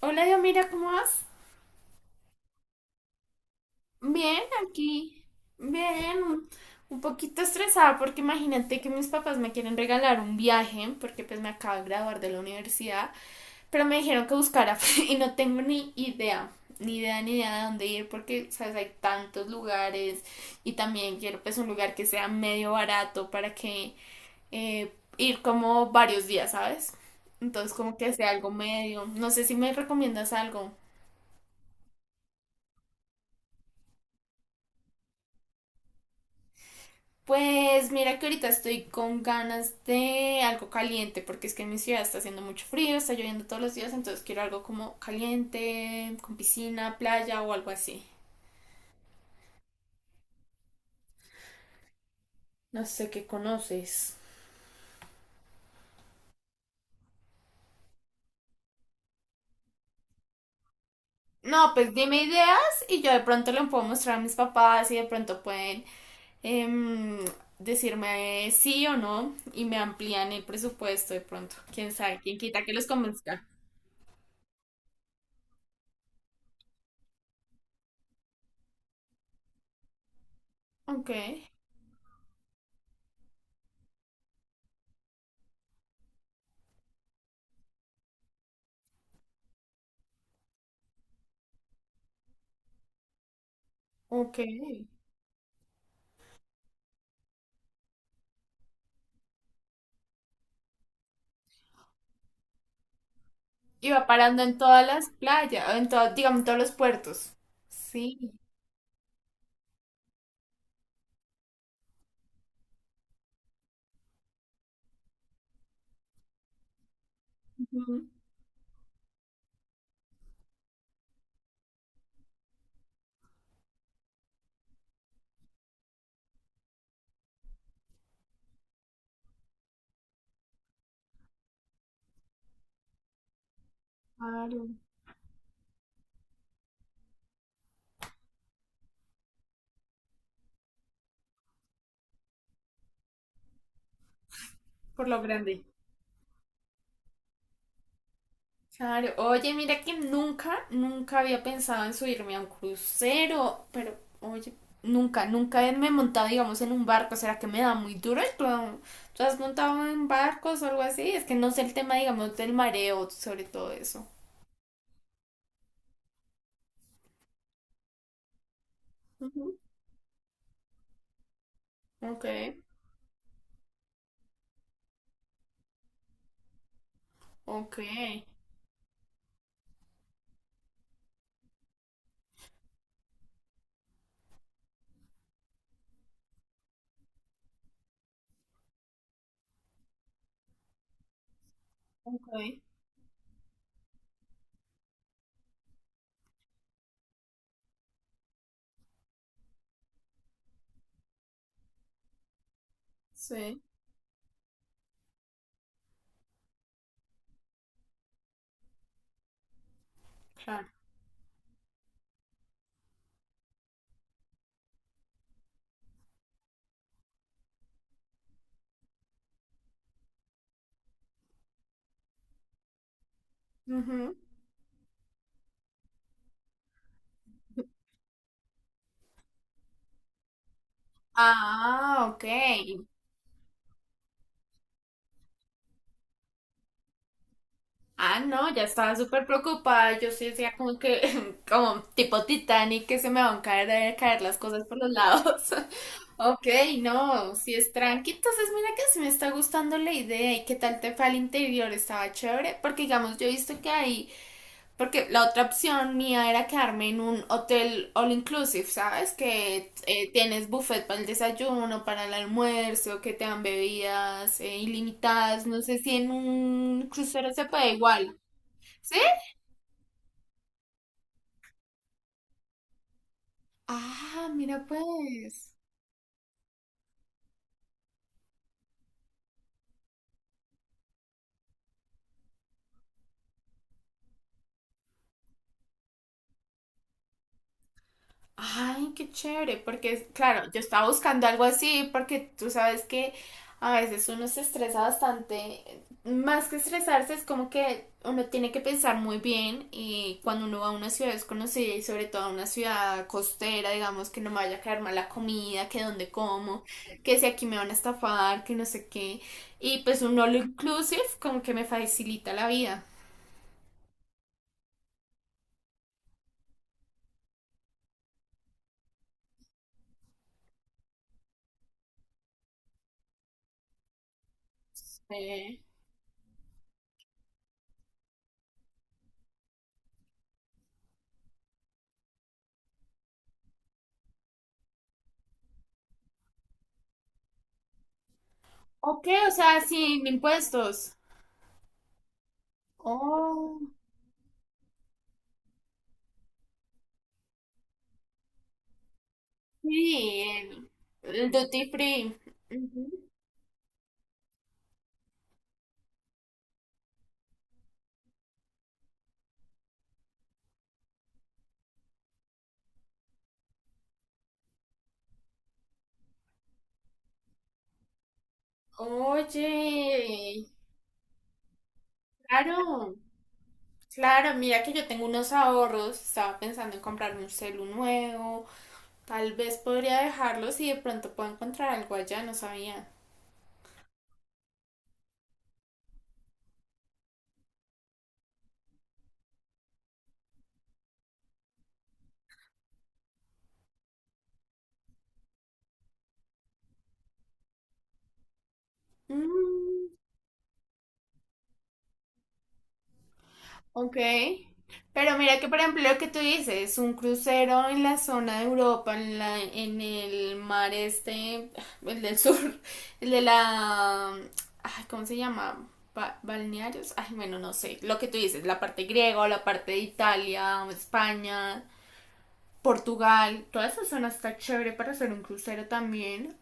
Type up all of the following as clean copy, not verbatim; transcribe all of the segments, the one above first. Hola, Dios, mira, ¿cómo vas? Bien, aquí. Bien, un poquito estresada porque imagínate que mis papás me quieren regalar un viaje porque pues me acabo de graduar de la universidad, pero me dijeron que buscara y no tengo ni idea, ni idea, ni idea de dónde ir porque, sabes, hay tantos lugares y también quiero pues un lugar que sea medio barato para que eh, ir como varios días, ¿sabes? Entonces como que sea algo medio. No sé si me recomiendas algo. Pues mira que ahorita estoy con ganas de algo caliente, porque es que en mi ciudad está haciendo mucho frío, está lloviendo todos los días, entonces quiero algo como caliente, con piscina, playa o algo así. No sé qué conoces. No, pues dime ideas y yo de pronto le puedo mostrar a mis papás y de pronto pueden em, decirme sí o no y me amplían el presupuesto de pronto. Quién sabe, quién quita que los convenzca. Ok, ok. Iba parando en todas las playas, en todo, digamos, en todos los puertos. Sí. Ujú. Claro. Por lo grande. Claro, oye, mira que nunca, nunca había pensado en subirme a un crucero, pero oye, nunca, nunca me he montado, digamos, en un barco, ¿será que me da muy duro? ¿Tú, tú has montado en barcos o algo así? Es que no sé el tema, digamos, del mareo, sobre todo eso. Ujú. Ok, ok, ok, sí, claro. Ujú. Ah, ok. Ah, no, ya estaba súper preocupada. Yo sí decía como que, como tipo Titanic, que se me van a caer, caer las cosas por los lados. Ok, no, si es tranqui. Entonces, mira que sí me está gustando la idea. ¿Y qué tal te fue al interior? Estaba chévere. Porque, digamos, yo he visto que hay. Porque la otra opción mía era quedarme en un hotel all inclusive, ¿sabes? Que tienes buffet para el desayuno, para el almuerzo, que te dan bebidas ilimitadas. No sé si en un crucero se puede igual. Sí, ah, mira pues. Ay, qué chévere, porque es- claro, yo estaba buscando algo así, porque tú sabes que a veces uno se estresa bastante. Más que estresarse, es como que uno tiene que pensar muy bien y cuando uno va a una ciudad desconocida y sobre todo a una ciudad costera, digamos, que no me vaya a caer mal la comida, que dónde como, que si aquí me van a estafar, que no sé qué. Y pues un all inclusive como que me facilita la vida. Eh, ok, o sea, sin impuestos. Oh, sí, el duty free. Ujú. Oye, claro, claro, mira que yo tengo unos ahorros, estaba pensando en comprarme un celu nuevo, tal vez podría dejarlos y de pronto puedo encontrar algo allá, no sabía. Mm. Ok. Pero mira que, por ejemplo, lo que tú dices, un crucero en la zona de Europa, en el mar este, el del sur, el de la, ay, ¿cómo se llama? Ba- balnearios, ay, bueno, no sé, lo que tú dices, la parte griega o la parte de Italia, España, Portugal, toda esa zona está chévere para hacer un crucero también,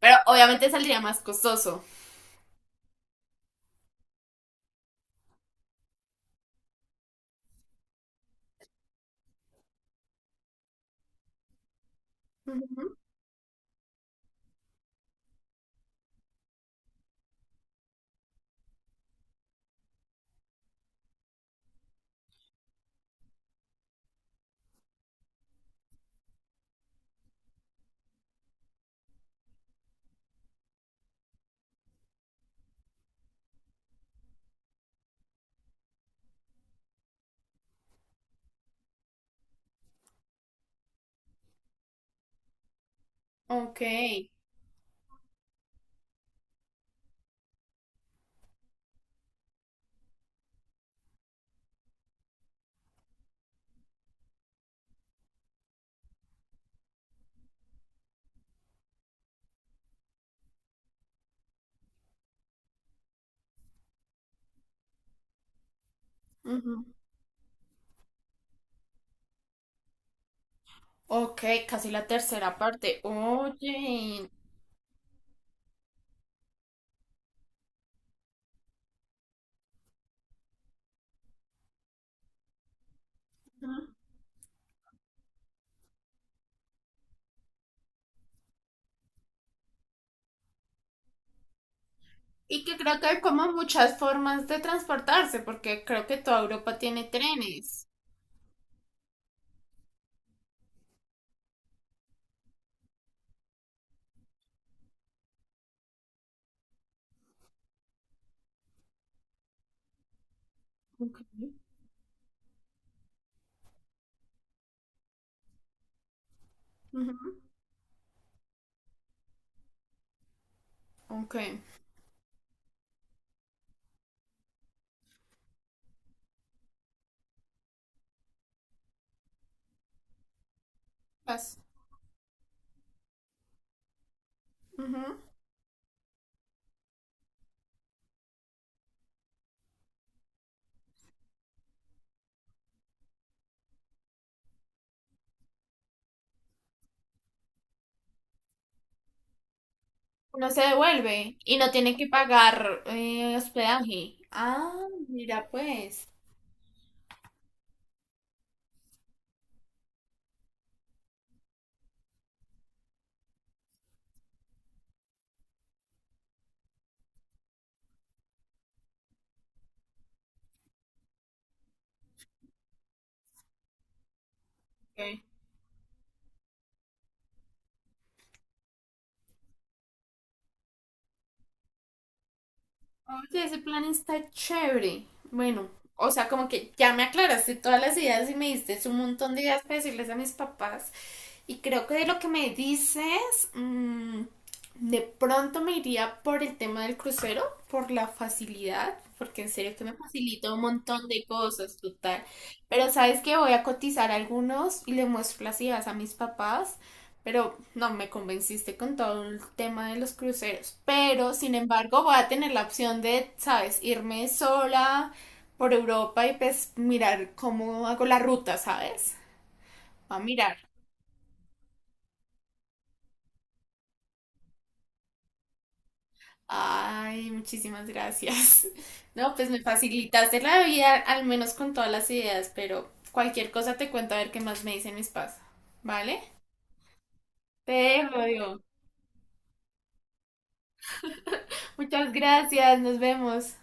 pero obviamente saldría más costoso. Ujú. Ok. Ujú. Ok, casi la tercera parte. Oye, y que creo que hay como muchas formas de transportarse, porque creo que toda Europa tiene trenes. Ok. Ujú. Ok. Pas- ujú. Uno se devuelve y no tiene que pagar hospedaje. Ah, mira pues. Oye, ese plan está chévere. Bueno, o sea, como que ya me aclaraste todas las ideas y me diste un montón de ideas para decirles a mis papás. Y creo que de lo que me dices, mm, de pronto me iría por el tema del crucero, por la facilidad, porque en serio que me facilita un montón de cosas, total. Pero sabes que voy a cotizar algunos y le muestro las ideas a mis papás pero no me convenciste con todo el tema de los cruceros. Pero, sin embargo, voy a tener la opción de, ¿sabes? Irme sola por Europa y pues mirar cómo hago la ruta, ¿sabes? Va a mirar. Ay, muchísimas gracias. No, pues me facilitaste la vida, al menos con todas las ideas, pero cualquier cosa te cuento a ver qué más me dicen mis papás. ¿Vale? Te dejo, digo. Muchas gracias, nos vemos.